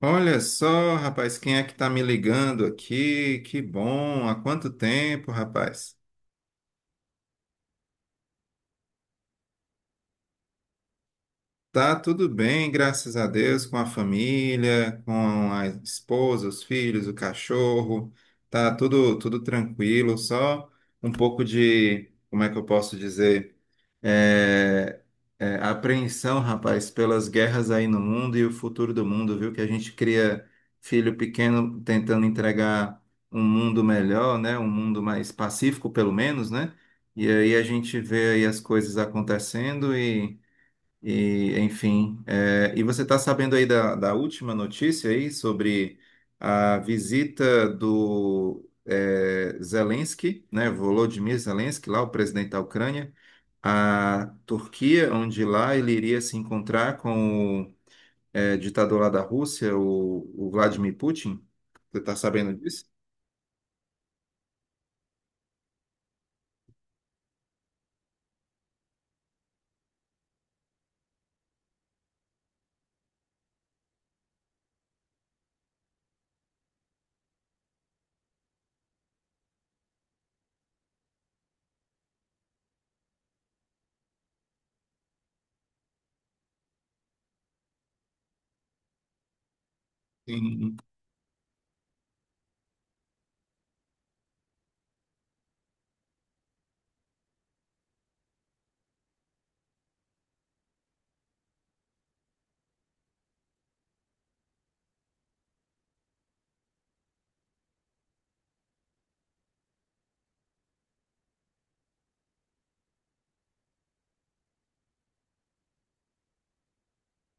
Olha só, rapaz, quem é que tá me ligando aqui? Que bom, há quanto tempo, rapaz? Tá tudo bem, graças a Deus, com a família, com a esposa, os filhos, o cachorro. Tá tudo tranquilo, só um pouco de, como é que eu posso dizer, é, apreensão, rapaz, pelas guerras aí no mundo e o futuro do mundo, viu? Que a gente cria filho pequeno tentando entregar um mundo melhor, né? Um mundo mais pacífico, pelo menos, né? E aí a gente vê aí as coisas acontecendo enfim, e você está sabendo aí da, última notícia aí sobre a visita do Zelensky, né, Volodymyr Zelensky, lá o presidente da Ucrânia, à Turquia, onde lá ele iria se encontrar com o ditador lá da Rússia, o Vladimir Putin. Você está sabendo disso? Sim.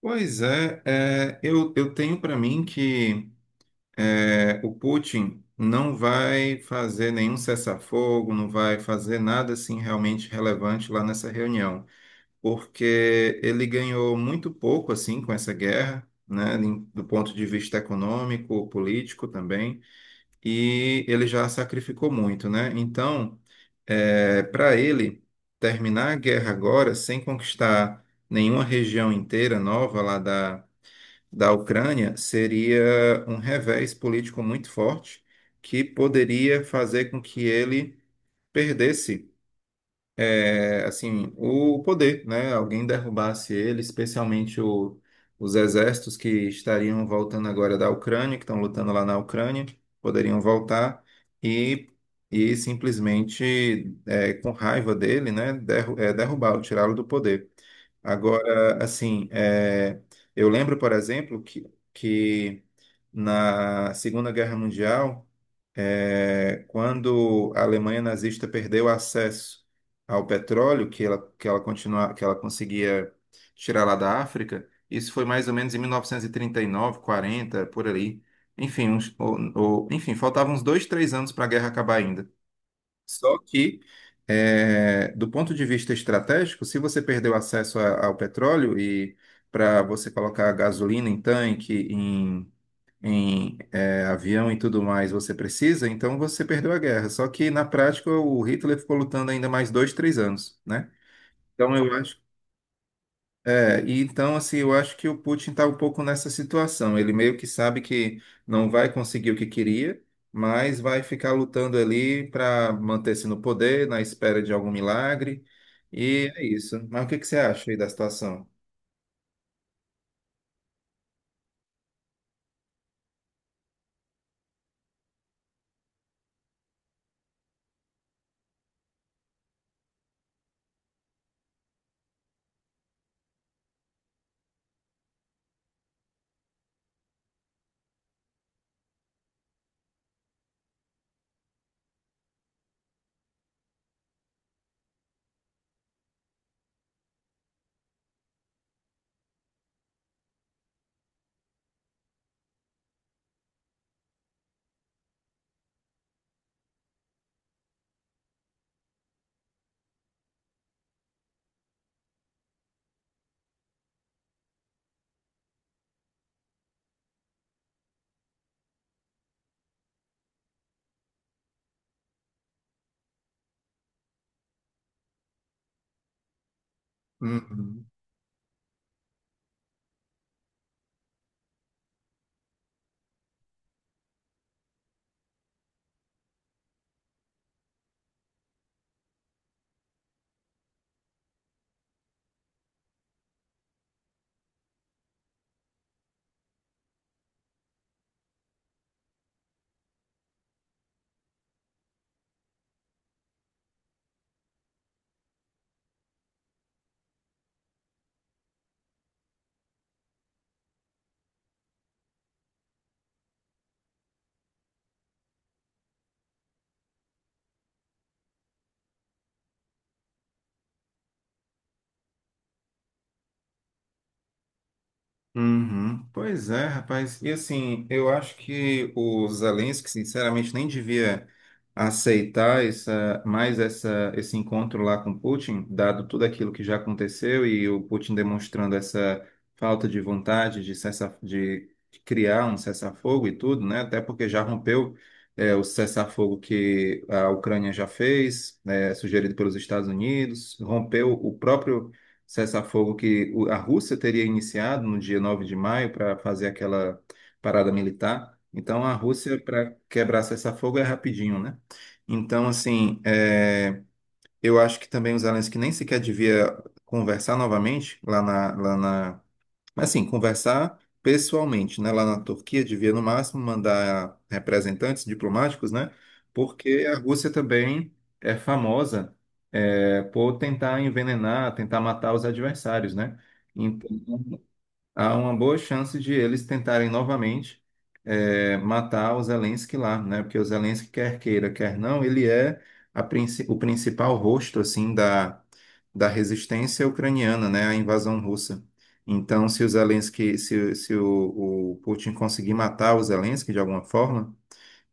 Pois é, eu tenho para mim que o Putin não vai fazer nenhum cessar-fogo, não vai fazer nada assim realmente relevante lá nessa reunião, porque ele ganhou muito pouco assim com essa guerra, né, do ponto de vista econômico, político também, e ele já sacrificou muito, né? Então, para ele terminar a guerra agora sem conquistar nenhuma região inteira nova lá da Ucrânia seria um revés político muito forte que poderia fazer com que ele perdesse assim, o poder, né? Alguém derrubasse ele, especialmente os exércitos que estariam voltando agora da Ucrânia, que estão lutando lá na Ucrânia, poderiam voltar e, e simplesmente, com raiva dele, né? Derrubá-lo, tirá-lo do poder. Agora, assim, eu lembro, por exemplo, que na Segunda Guerra Mundial quando a Alemanha nazista perdeu acesso ao petróleo que ela conseguia tirar lá da África. Isso foi mais ou menos em 1939, 40, por ali. Enfim, enfim, faltavam uns 2, 3 anos para a guerra acabar ainda. Só que, do ponto de vista estratégico, se você perdeu acesso ao petróleo e para você colocar gasolina em tanque, em avião e tudo mais você precisa, então você perdeu a guerra. Só que na prática o Hitler ficou lutando ainda mais 2, 3 anos, né? Então eu acho, e então assim eu acho que o Putin está um pouco nessa situação. Ele meio que sabe que não vai conseguir o que queria, mas vai ficar lutando ali para manter-se no poder, na espera de algum milagre. E é isso. Mas o que que você acha aí da situação? Uhum. Uhum. Pois é, rapaz. E assim, eu acho que o Zelensky, sinceramente, nem devia aceitar esse encontro lá com Putin, dado tudo aquilo que já aconteceu e o Putin demonstrando essa falta de vontade de criar um cessar-fogo e tudo, né? Até porque já rompeu, o cessar-fogo que a Ucrânia já fez, né, sugerido pelos Estados Unidos, rompeu o próprio cessar-fogo que a Rússia teria iniciado no dia 9 de maio para fazer aquela parada militar. Então, a Rússia, para quebrar cessar-fogo, é rapidinho, né? Então, assim, eu acho que também os Zelensky nem sequer devia conversar novamente lá na mas assim, conversar pessoalmente, né? Lá na Turquia, devia no máximo mandar representantes diplomáticos, né? Porque a Rússia também é famosa por tentar envenenar, tentar matar os adversários, né? Então, há uma boa chance de eles tentarem novamente matar o Zelensky lá, né? Porque o Zelensky, quer queira, quer não, ele é o principal rosto, assim, da, resistência ucraniana, né? A invasão russa. Então, se o Putin conseguir matar o Zelensky de alguma forma,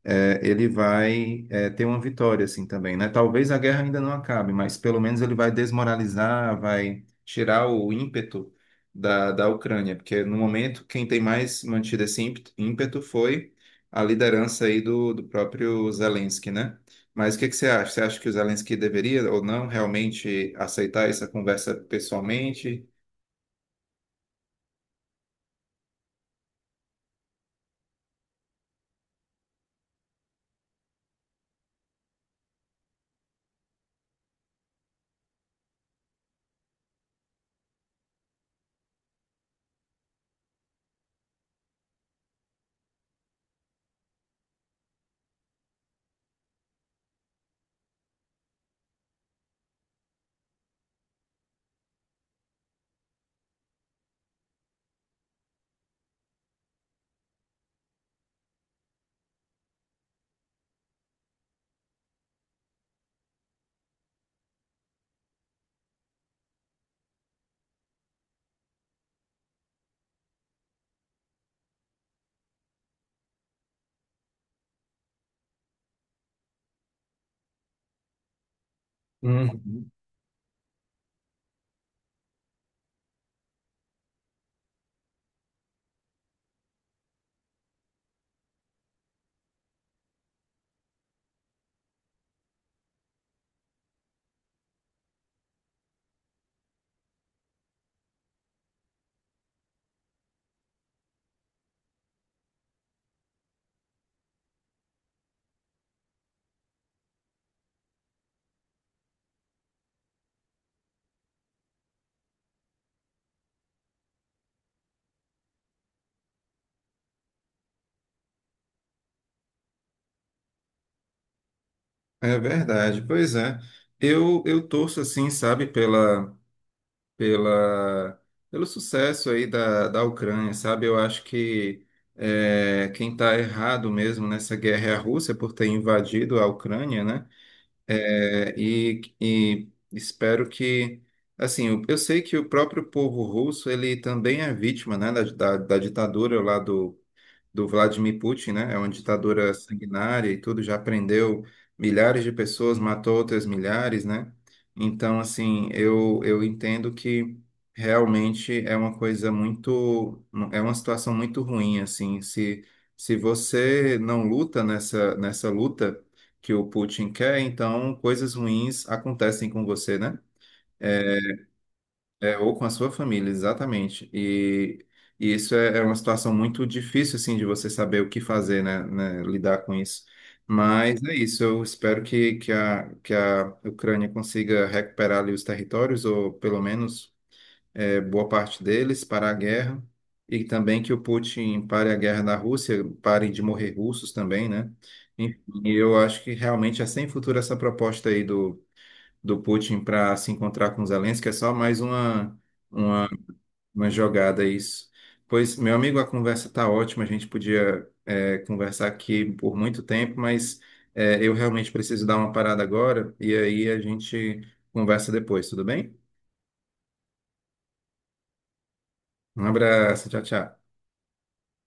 ele vai ter uma vitória assim também, né? Talvez a guerra ainda não acabe, mas pelo menos ele vai desmoralizar, vai tirar o ímpeto da, Ucrânia, porque no momento quem tem mais mantido esse ímpeto foi a liderança aí do, próprio Zelensky, né? Mas o que que você acha? Você acha que o Zelensky deveria ou não realmente aceitar essa conversa pessoalmente? Uhum. É verdade, pois é. Eu torço assim, sabe, pela, pelo sucesso aí da, Ucrânia, sabe? Eu acho que quem está errado mesmo nessa guerra é a Rússia por ter invadido a Ucrânia, né? É. E espero que, assim, eu sei que o próprio povo russo, ele também é vítima, né, da, ditadura lá do Vladimir Putin, né? É uma ditadura sanguinária e tudo, já prendeu milhares de pessoas, matou outras milhares, né? Então, assim, eu entendo que realmente é uma situação muito ruim, assim, se você não luta nessa, luta que o Putin quer, então coisas ruins acontecem com você, né? É, ou com a sua família, exatamente. E isso é uma situação muito difícil, assim, de você saber o que fazer, né, lidar com isso. Mas é isso, eu espero que a Ucrânia consiga recuperar ali os territórios, ou pelo menos boa parte deles, parar a guerra. E também que o Putin pare a guerra na Rússia, parem de morrer russos também, né? Enfim, eu acho que realmente é sem futuro essa proposta aí do, Putin para se encontrar com Zelensky, é só mais uma jogada, isso. Pois, meu amigo, a conversa tá ótima. A gente podia, conversar aqui por muito tempo, mas, eu realmente preciso dar uma parada agora. E aí a gente conversa depois, tudo bem? Um abraço, tchau, tchau.